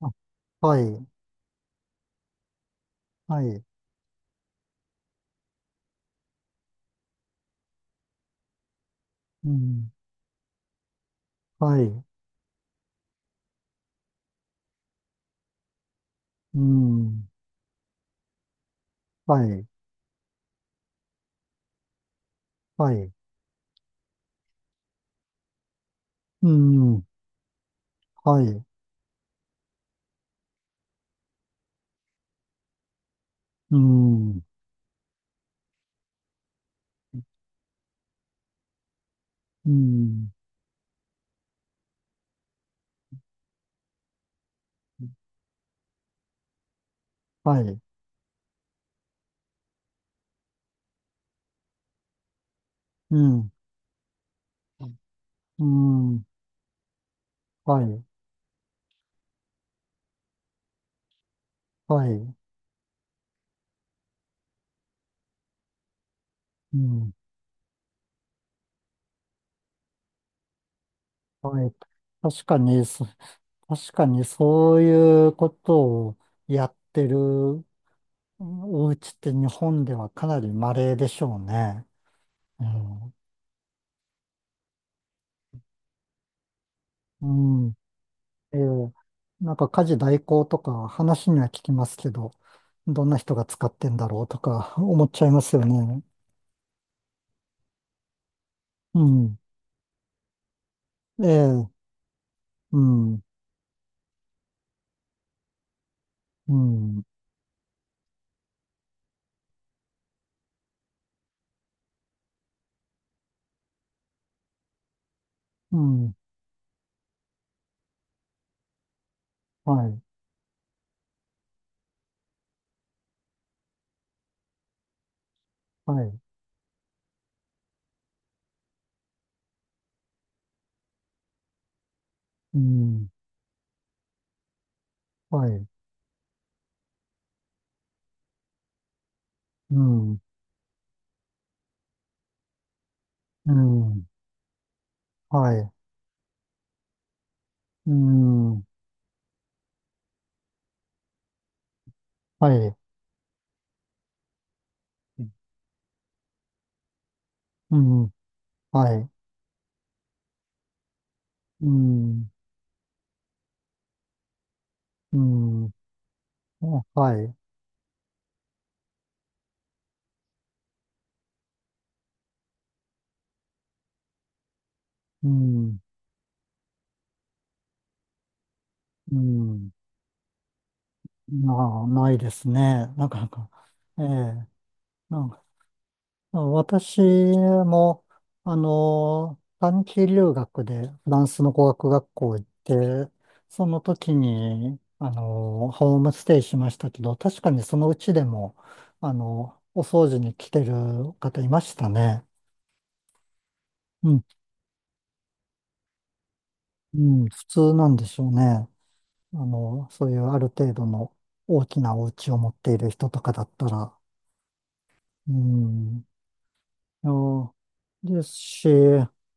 あ、はい、はい、うん、はい、うん、はい、はい、うん、はい、うん、うん、はい、うん、うん、はい、はい、うん、はい。確かに、そ確かにそういうことをやってるうんお家って日本ではかなり稀でしょうね。うん、うんええ、なんか家事代行とか話には聞きますけど、どんな人が使ってんだろうとか思っちゃいますよね。うん。ええ、うん、うん、うん、はい、はい、うん、はい、うん、うん、はい、うん、はい、うん、はい、うん、うん、はい、うん、うん、ないですね。なかなか。ええ、なんか私も、短期留学でフランスの語学学校行って、その時に、ホームステイしましたけど、確かにそのうちでも、お掃除に来てる方いましたね。うん、うん、普通なんでしょうね。そういうある程度の大きなお家を持っている人とかだったら。うんうんですし、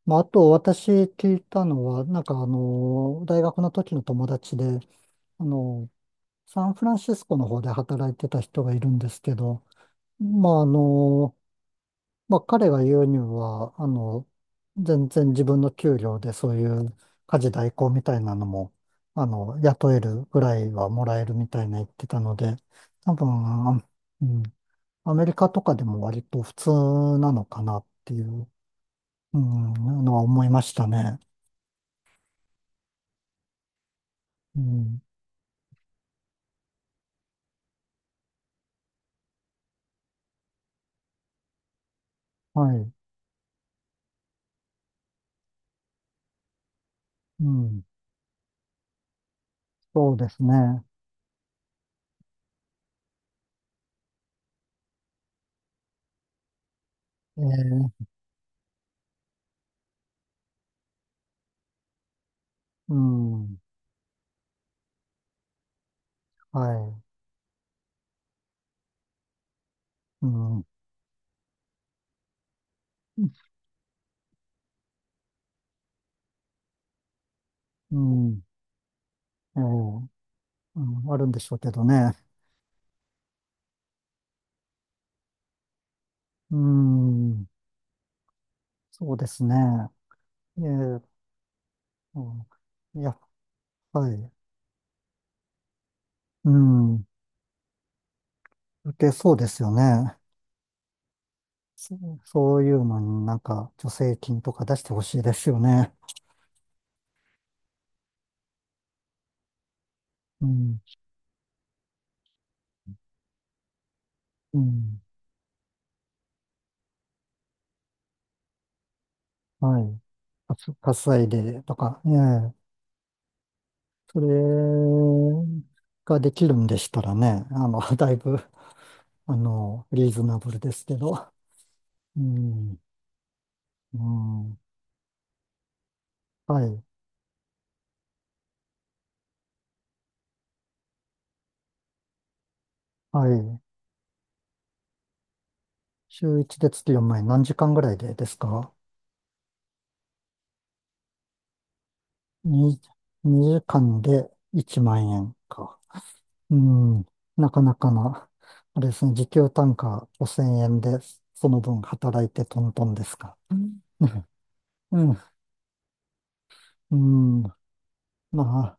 まあ、あと私聞いたのは、なんか大学の時の友達で、あの、サンフランシスコの方で働いてた人がいるんですけど、まあまあ彼が言うには、全然自分の給料でそういう家事代行みたいなのも、雇えるぐらいはもらえるみたいな言ってたので、多分、うん、アメリカとかでも割と普通なのかなっていう。うん、のは思いましたね。うん、はい。うん、そうですね。えー、うん、はい。うん、うん、えー、うん、あるんでしょうけどね。うん、そうですね。えー、うん、やっぱり、うん、受けそうですよね。そ、そういうのになんか助成金とか出してほしいですよね。うん、うん、はい。かつ、稼いでとか、ええそれができるんでしたらね、だいぶ、リーズナブルですけど。うん、うん、はい、はい。週1で月4万円、何時間ぐらいでですか ?2、2時間で1万円か。うん、なかなかな、あれですね、時給単価5000円で、その分働いてトントンですか。うん、うん、うんま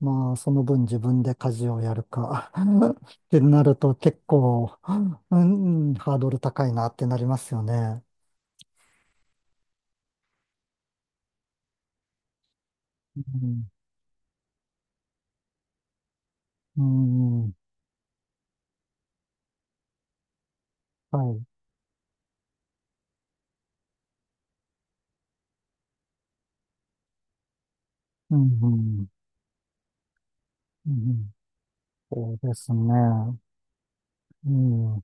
まあ、その分自分で家事をやるか ってなると結構、うん、ハードル高いなってなりますよね。うん、うん、はい。うん、うん、そうですね。うん、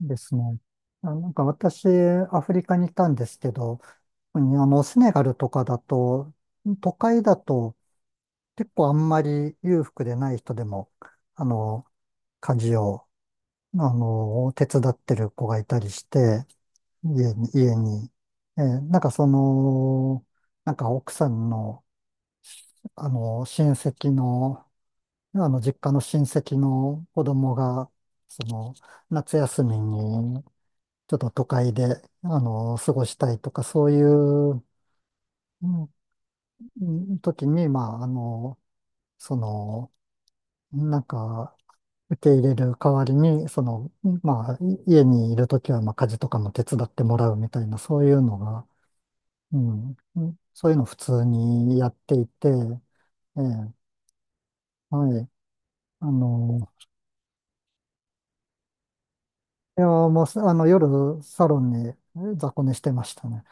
ですね。あ、なんか私、アフリカにいたんですけど、セネガルとかだと、都会だと結構あんまり裕福でない人でも、あの、家事を、手伝ってる子がいたりして、家に、家に。なんかなんか奥さんの、親戚の、実家の親戚の子供が、その、夏休みに、ちょっと都会で、過ごしたいとか、そういう、うん、時に、まあ、その、なんか、受け入れる代わりに、その、まあ、家にいる時は、まあ、家事とかも手伝ってもらうみたいな、そういうのが、うん、そういうの普通にやっていて、ええ、はい。あの、いや、もう夜、サロンに雑魚寝してましたね。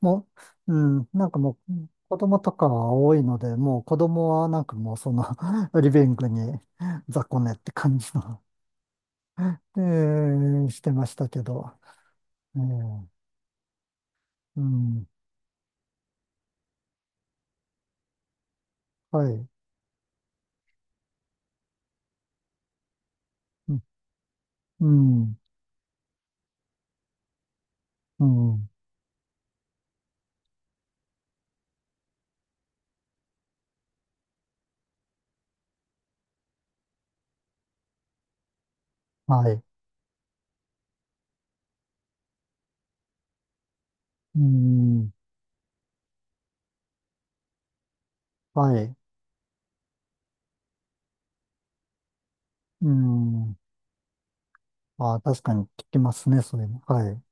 もう、なんかもう、子供とかは多いので、もう子供はなんかもうリビングに雑魚寝って感じの、ええ、してましたけど、ええ、うん、はい、うん、うん、うんはい、うん、はい、うん。ああ、確かに聞きますね、それも。はい。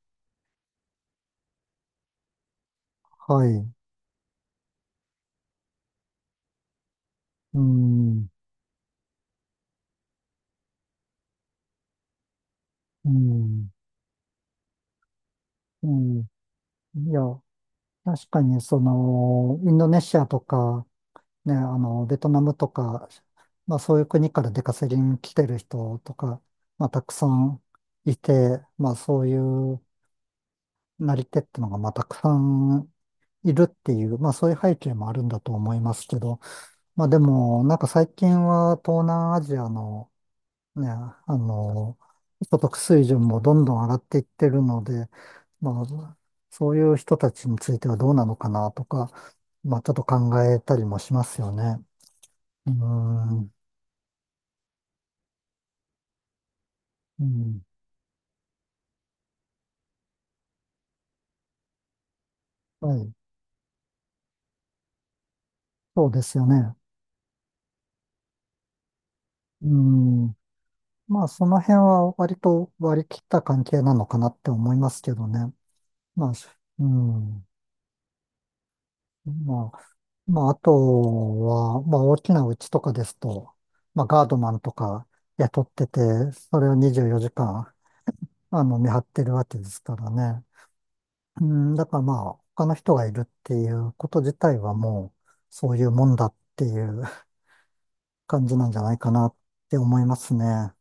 はい。うん。うん。うん。いや、確かに、インドネシアとか、ね、ベトナムとか、まあそういう国から出稼ぎに来てる人とか、まあたくさんいて、まあそういうなり手ってのが、まあたくさんいるっていう、まあそういう背景もあるんだと思いますけど、まあでも、なんか最近は東南アジアのね、所得水準もどんどん上がっていってるので、まあ、そういう人たちについてはどうなのかなとか、まあ、ちょっと考えたりもしますよね。うーん、うん、はい、そうですよね。うん、まあ、その辺は割と割り切った関係なのかなって思いますけどね。まあ、うん、まあ、まあ、あとは、まあ、大きな家とかですと、まあ、ガードマンとか雇ってて、それを24時間、見張ってるわけですからね。うん、だからまあ、他の人がいるっていうこと自体はもう、そういうもんだっていう 感じなんじゃないかなって思いますね。